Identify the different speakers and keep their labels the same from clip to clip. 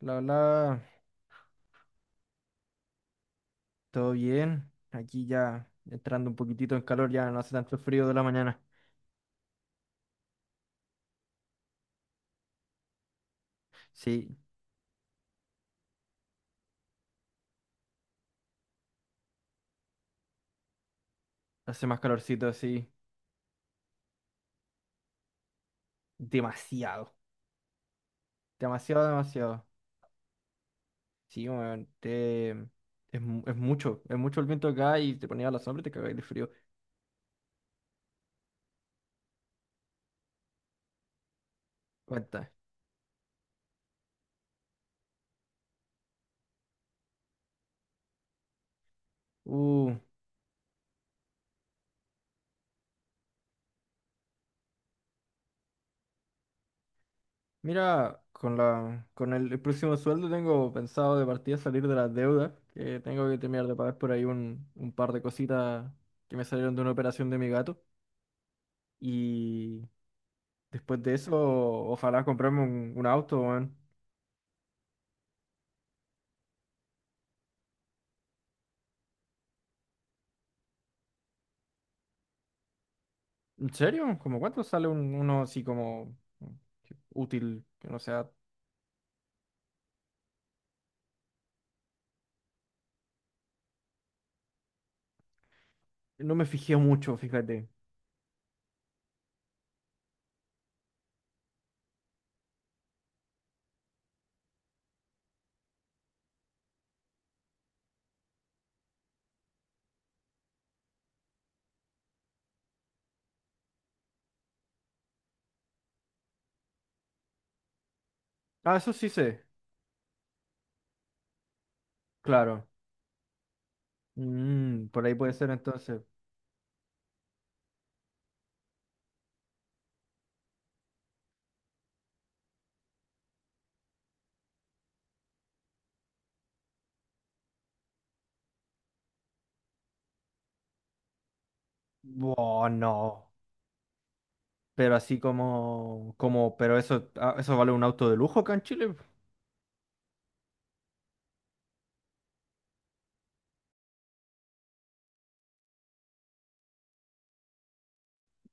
Speaker 1: La Hola, todo bien. Aquí ya entrando un poquitito en calor, ya no hace tanto frío de la mañana. Sí, hace más calorcito así. Demasiado. Demasiado, demasiado. Sí, weón, es, es mucho. Es mucho el viento acá y te ponía a la sombra y te cagáis de frío. Cuenta. Uh, mira, con el próximo sueldo tengo pensado de partida salir de las deudas, que tengo que terminar de pagar por ahí un par de cositas que me salieron de una operación de mi gato. y Después de eso, ojalá comprarme un auto, weón. ¿En serio? ¿Cómo cuánto sale uno así como útil? Que no sea. No me fijé mucho, fíjate. Ah, eso sí sé. Claro. Mm, por ahí puede ser entonces. Oh, no. Pero así pero eso, ah, eso vale un auto de lujo acá en Chile.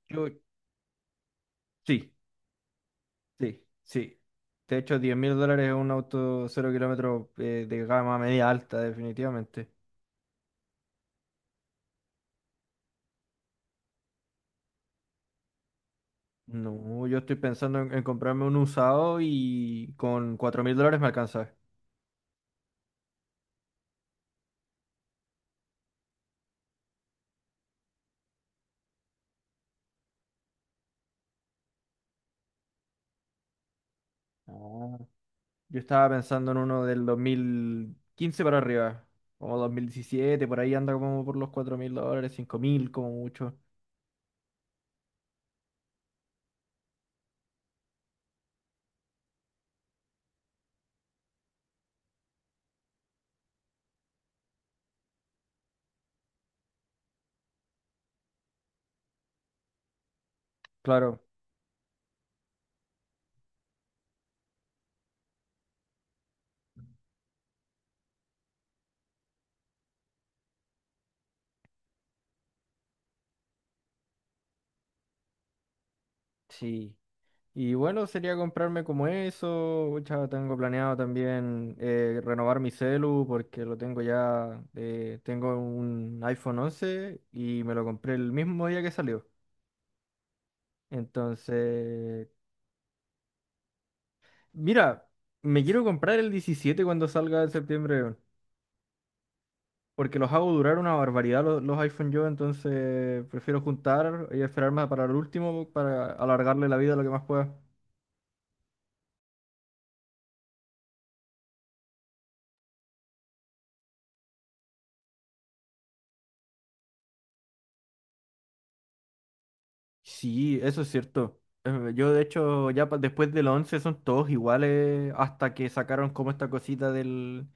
Speaker 1: Yo, sí, sí. De hecho, $10.000 es un auto cero kilómetros de gama media alta, definitivamente. No, yo estoy pensando en comprarme un usado y con $4.000 me alcanza. Ah. Yo estaba pensando en uno del 2015 para arriba, como 2017 por ahí anda como por los $4.000, 5.000 como mucho. Claro, sí. Y bueno, sería comprarme como eso. Pucha, tengo planeado también renovar mi celu porque lo tengo ya. Tengo un iPhone 11 y me lo compré el mismo día que salió. Entonces, mira, me quiero comprar el 17 cuando salga en septiembre, weón, porque los hago durar una barbaridad los iPhone yo, entonces prefiero juntar y esperarme para el último para alargarle la vida lo que más pueda. Sí, eso es cierto. Yo de hecho ya después del 11 son todos iguales hasta que sacaron como esta cosita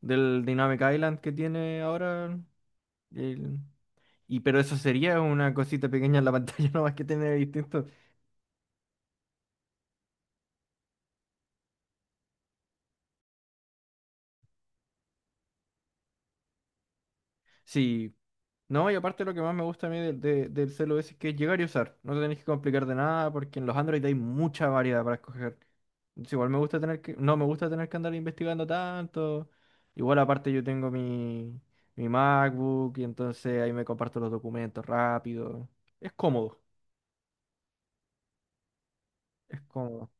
Speaker 1: del Dynamic Island que tiene ahora. el- Y pero eso sería una cosita pequeña en la pantalla nomás que tiene distinto. Sí, no, y aparte lo que más me gusta a mí del celu es que es llegar y usar. No te tenés que complicar de nada porque en los Android hay mucha variedad para escoger. Entonces, igual me gusta tener que, no me gusta tener que andar investigando tanto. Igual aparte yo tengo mi MacBook y entonces ahí me comparto los documentos rápido. Es cómodo, es cómodo.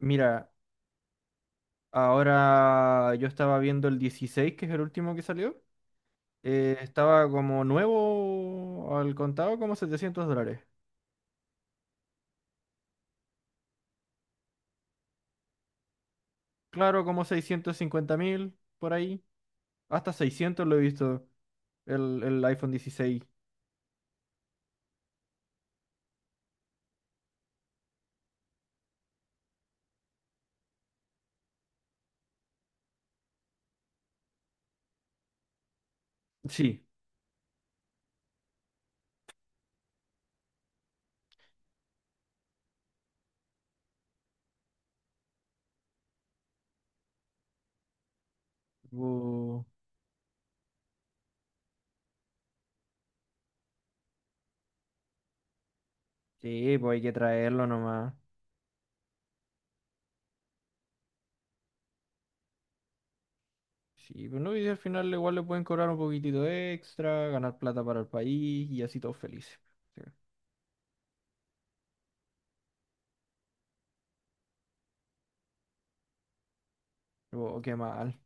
Speaker 1: Mira, ahora yo estaba viendo el 16, que es el último que salió. Estaba como nuevo al contado como $700. Claro, como 650.000 por ahí. Hasta 600 lo he visto el iPhone 16. Sí. Bu- sí, pues hay que traerlo nomás. Sí, pues no, y al final igual le pueden cobrar un poquitito extra, ganar plata para el país y así todos felices. Sí. Oh, qué mal.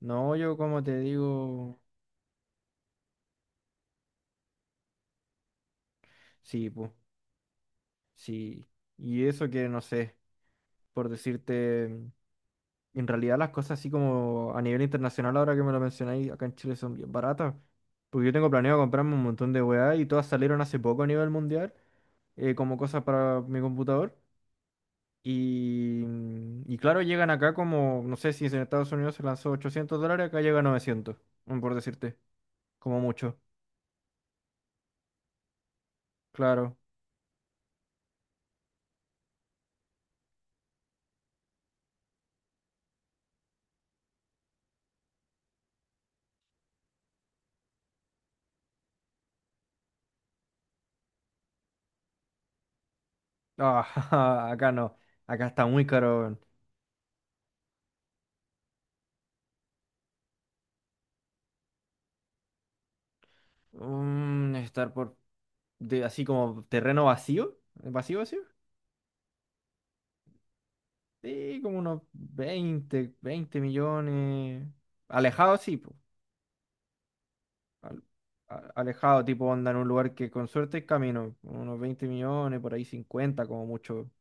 Speaker 1: No, yo como te digo, sí, pues, sí. Y eso que no sé, por decirte. Y en realidad las cosas así como a nivel internacional, ahora que me lo mencionáis, acá en Chile son bien baratas. Porque yo tengo planeado comprarme un montón de weá y todas salieron hace poco a nivel mundial, como cosas para mi computador. Y claro, llegan acá como, no sé si en Estados Unidos se lanzó $800, acá llega a 900, mm, por decirte, como mucho. Claro. Ah, acá no, acá está muy caro. Weón. Mm, estar por, de, así como terreno vacío, vacío, vacío. Sí, como unos 20, 20.000.000. Alejado, sí, po. Al- alejado, tipo onda en un lugar que con suerte es camino. Unos 20.000.000, por ahí 50 como mucho.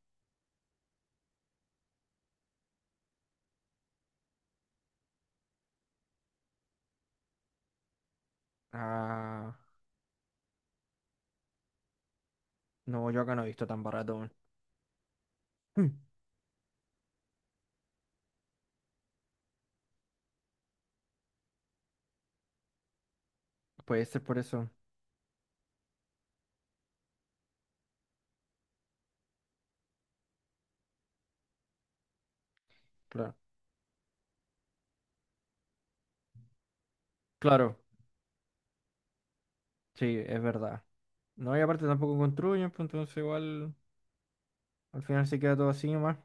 Speaker 1: Ah, no, yo acá no he visto tan barato. Weón. Hmm, puede ser por eso. Claro. Claro, sí, es verdad. No, y aparte tampoco construyen, pues entonces igual al final se queda todo así nomás.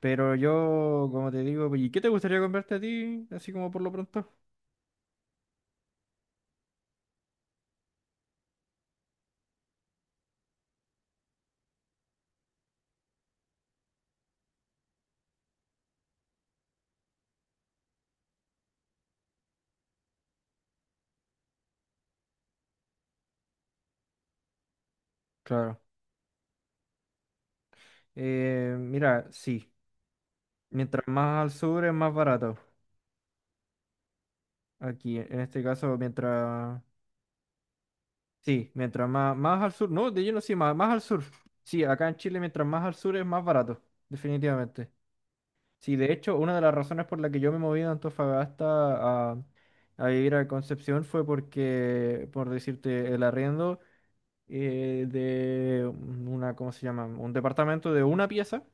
Speaker 1: Pero yo, como te digo, pues, ¿y qué te gustaría comprarte a ti? Así como por lo pronto. Claro. Mira, sí. Mientras más al sur es más barato. Aquí, en este caso, mientras... Sí, mientras más, más al sur. No, de lleno sí, más, más al sur. Sí, acá en Chile, mientras más al sur es más barato. Definitivamente. Sí, de hecho, una de las razones por la que yo me moví de Antofagasta a vivir a Concepción fue porque, por decirte, el arriendo de una, ¿cómo se llama? Un departamento de una pieza.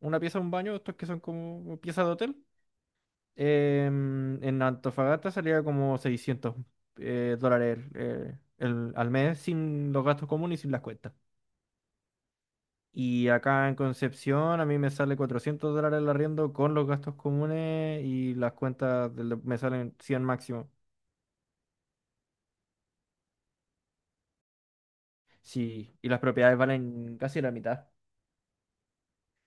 Speaker 1: Una pieza, un baño, estos que son como piezas de hotel. En Antofagasta salía como 600 dólares al mes sin los gastos comunes y sin las cuentas. Y acá en Concepción a mí me sale $400 el arriendo con los gastos comunes y las cuentas me salen 100 máximo. Sí, y las propiedades valen casi la mitad.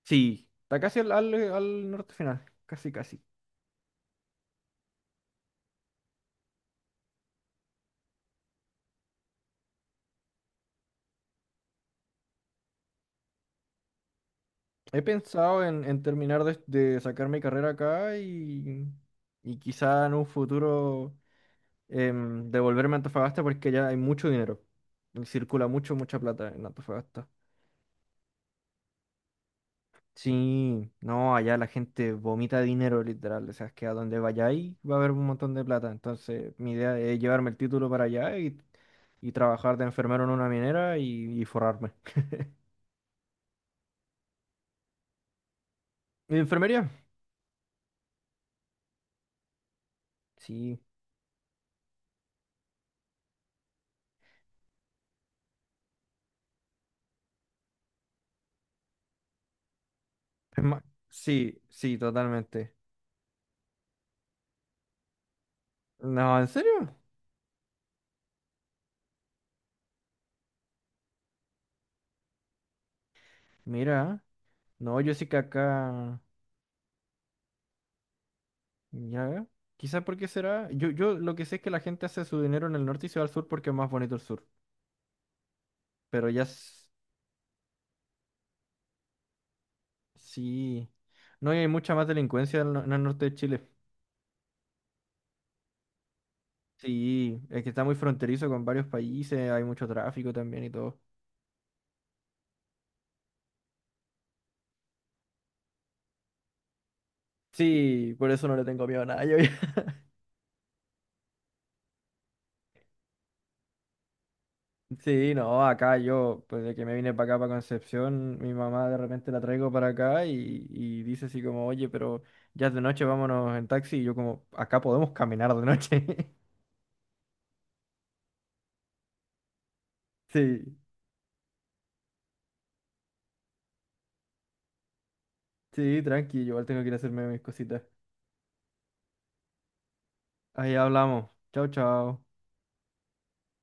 Speaker 1: Sí, está casi al norte final, casi casi. He pensado en terminar de sacar mi carrera acá y quizá en un futuro devolverme a Antofagasta porque ya hay mucho dinero. Y circula mucho, mucha plata en Antofagasta. Sí, no, allá la gente vomita dinero literal, o sea, es que a donde vayáis va a haber un montón de plata. Entonces, mi idea es llevarme el título para allá y trabajar de enfermero en una minera y forrarme. ¿En enfermería? Sí. Es más, sí, sí, totalmente. No, ¿en serio? Mira, no, yo sí que acá. Ya, quizá porque será. Yo lo que sé es que la gente hace su dinero en el norte y se va al sur porque es más bonito el sur. Pero ya sí. No y hay mucha más delincuencia en, el no- en el norte de Chile. Sí, es que está muy fronterizo con varios países, hay mucho tráfico también y todo. Sí, por eso no le tengo miedo a nada. Sí, no, acá yo, pues de que me vine para acá, para Concepción, mi mamá de repente la traigo para acá y dice así como, oye, pero ya es de noche, vámonos en taxi. Y yo como, acá podemos caminar de noche. Sí. Sí, tranqui, yo igual tengo que ir a hacerme mis cositas. Ahí hablamos. Chao, chao.